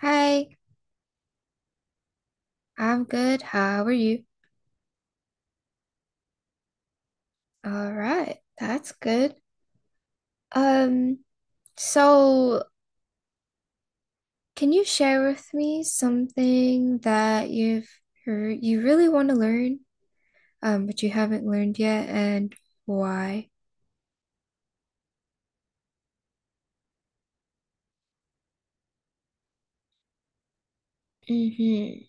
Hi, I'm good. How are you? All right, that's good. Um, so can you share with me something that you've heard you really want to learn, but you haven't learned yet and why? Mm-hmm.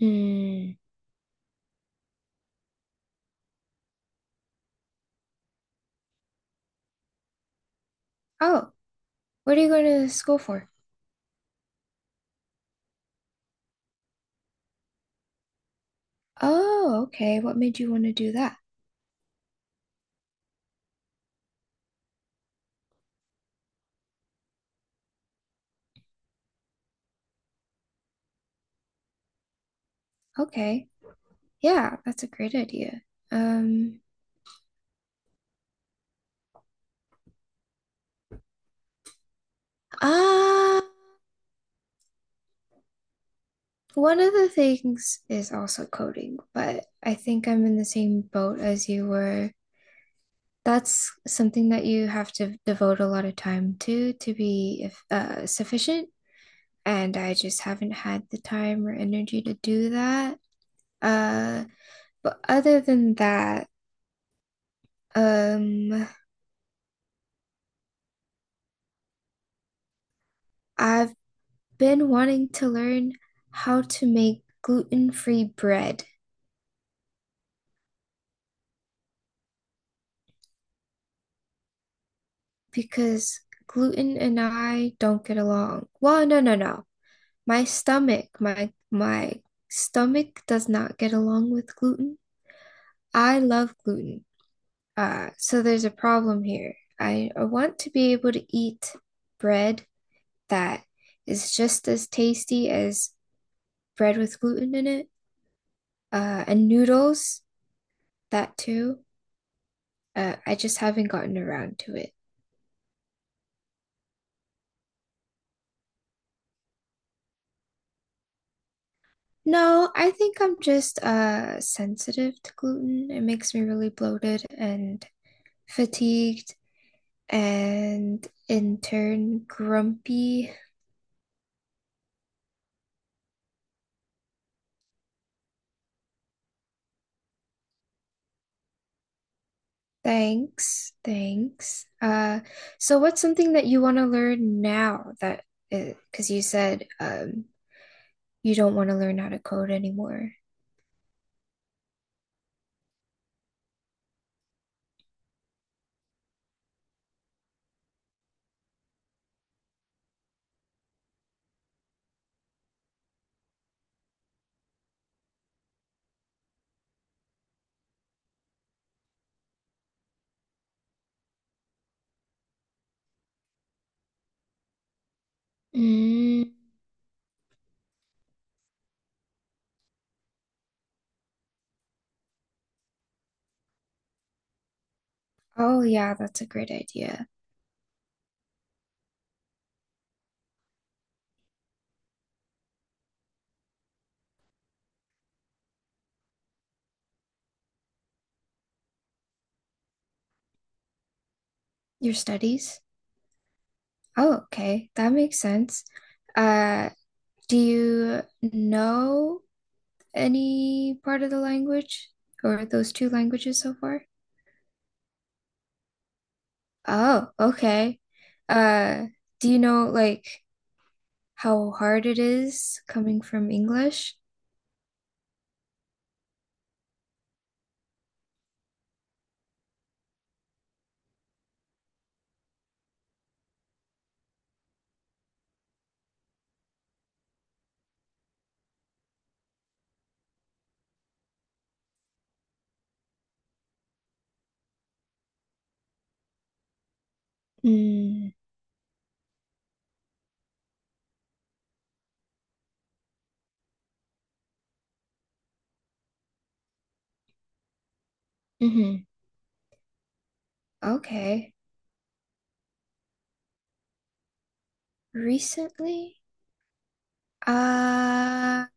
Mm. Oh, what are you going to school for? Oh, okay. What made you want to do that? Okay. Yeah, that's a great idea. Um, ah. One of the things is also coding, but I think I'm in the same boat as you were. That's something that you have to devote a lot of time to be if, sufficient, and I just haven't had the time or energy to do that. Uh, but other than that, um, I've been wanting to learn how to make gluten-free bread because gluten and I don't get along. Well, no, no, no. My stomach does not get along with gluten. I love gluten. So there's a problem here. I want to be able to eat bread that is just as tasty as bread with gluten in it. And noodles, that too. I just haven't gotten around to it. No, I think I'm just sensitive to gluten. It makes me really bloated and fatigued and in turn grumpy. Thanks. So what's something that you want to learn now that, because you said you don't want to learn how to code anymore? Mm. Oh yeah, that's a great idea. Your studies. Oh, okay, that makes sense. uh do you know any part of the language, or those two languages so far? Oh, okay. Uh, do you know like how hard it is coming from English? Mm, hmm. Okay. Recently? Um,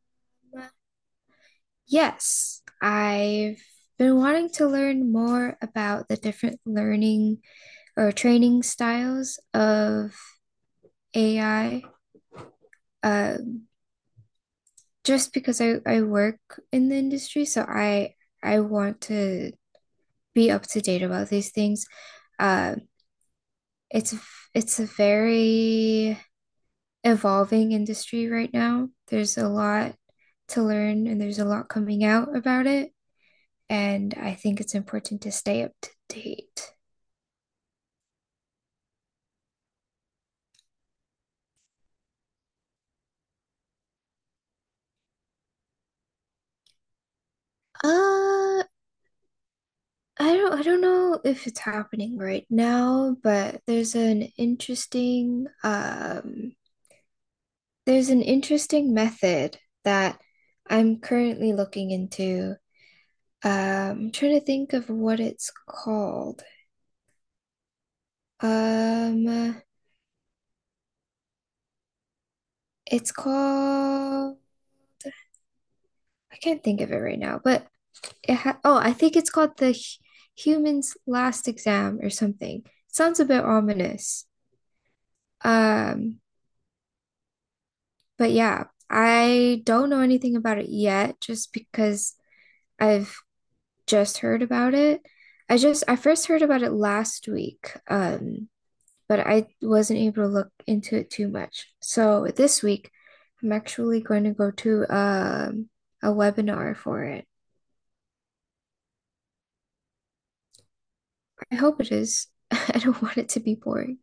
yes. I've been wanting to learn more about the different learning or training styles of AI. Um, just because I work in the industry, so I want to be up to date about these things. Uh, it's it's a very evolving industry right now. There's a lot to learn and there's a lot coming out about it, and I think it's important to stay up to date. I don't know if it's happening right now, but there's an interesting method that I'm currently looking into. I'm trying to think of what it's called. Um, It's called, I can't think of it right now, but I think it's called the Human's Last Exam or something. Sounds a bit ominous. Um, but yeah, I don't know anything about it yet just because I've just heard about it. I first heard about it last week. But I wasn't able to look into it too much. So this week I'm actually going to go to a webinar for it. I hope it is. I don't want it to be boring.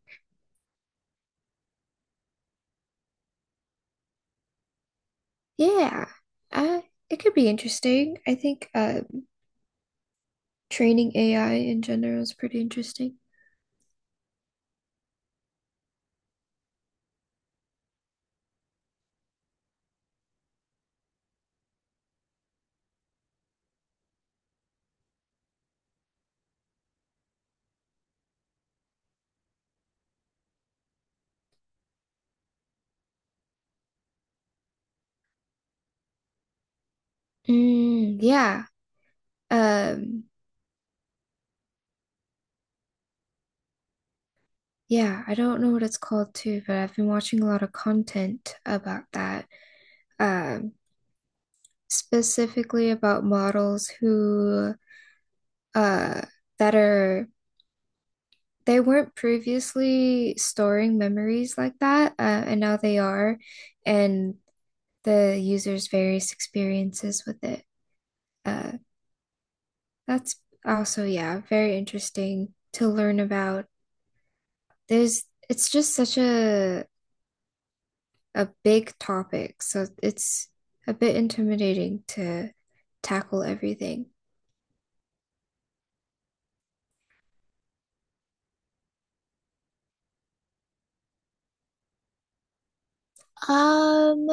Yeah, uh, it could be interesting. I think training AI in general is pretty interesting. Mm, yeah. Um, yeah, I don't know what it's called too, but I've been watching a lot of content about that. Um, Specifically about models who uh that are, they weren't previously storing memories like that, and now they are, and the user's various experiences with it. Uh, that's also, yeah, very interesting to learn about. It's just such a big topic, so it's a bit intimidating to tackle everything. Um,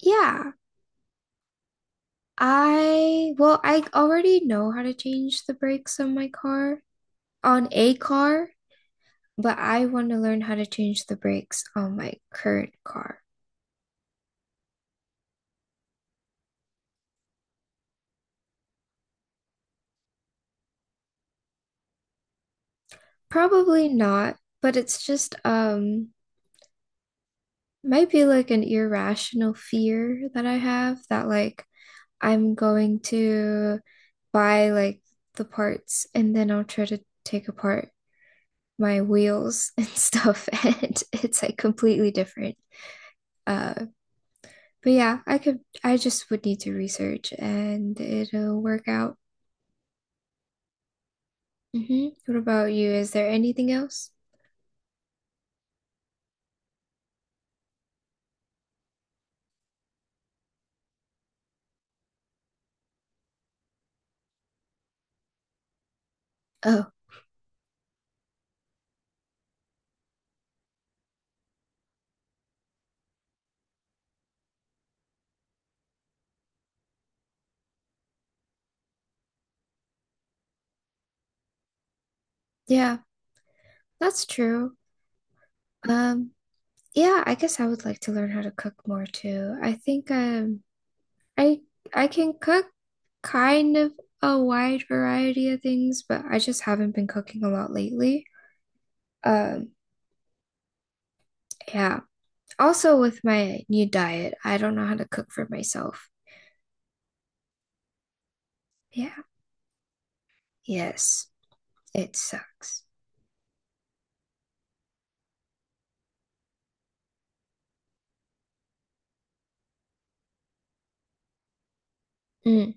yeah, I, well, I already know how to change the brakes on my car, on a car, but I want to learn how to change the brakes on my current car. Probably not, but it's just might be like an irrational fear that I have that like I'm going to buy like the parts and then I'll try to take apart my wheels and stuff and it's like completely different. Uh but yeah, I just would need to research and it'll work out. Hmm. What about you? Is there anything else? Oh, yeah, that's true. Um Yeah, I guess I would like to learn how to cook more too. I think I I can cook kind of a wide variety of things, but I just haven't been cooking a lot lately. Um yeah. Also with my new diet, I don't know how to cook for myself. Yeah. Yes, it sucks. Mm.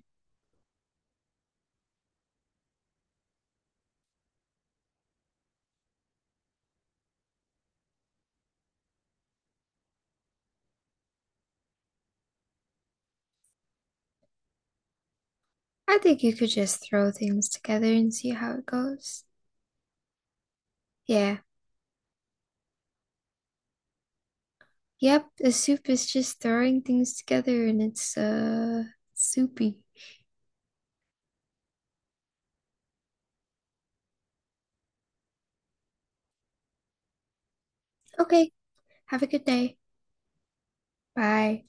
I think you could just throw things together and see how it goes. Yeah. Yep, the soup is just throwing things together and it's soupy. Okay, have a good day. Bye.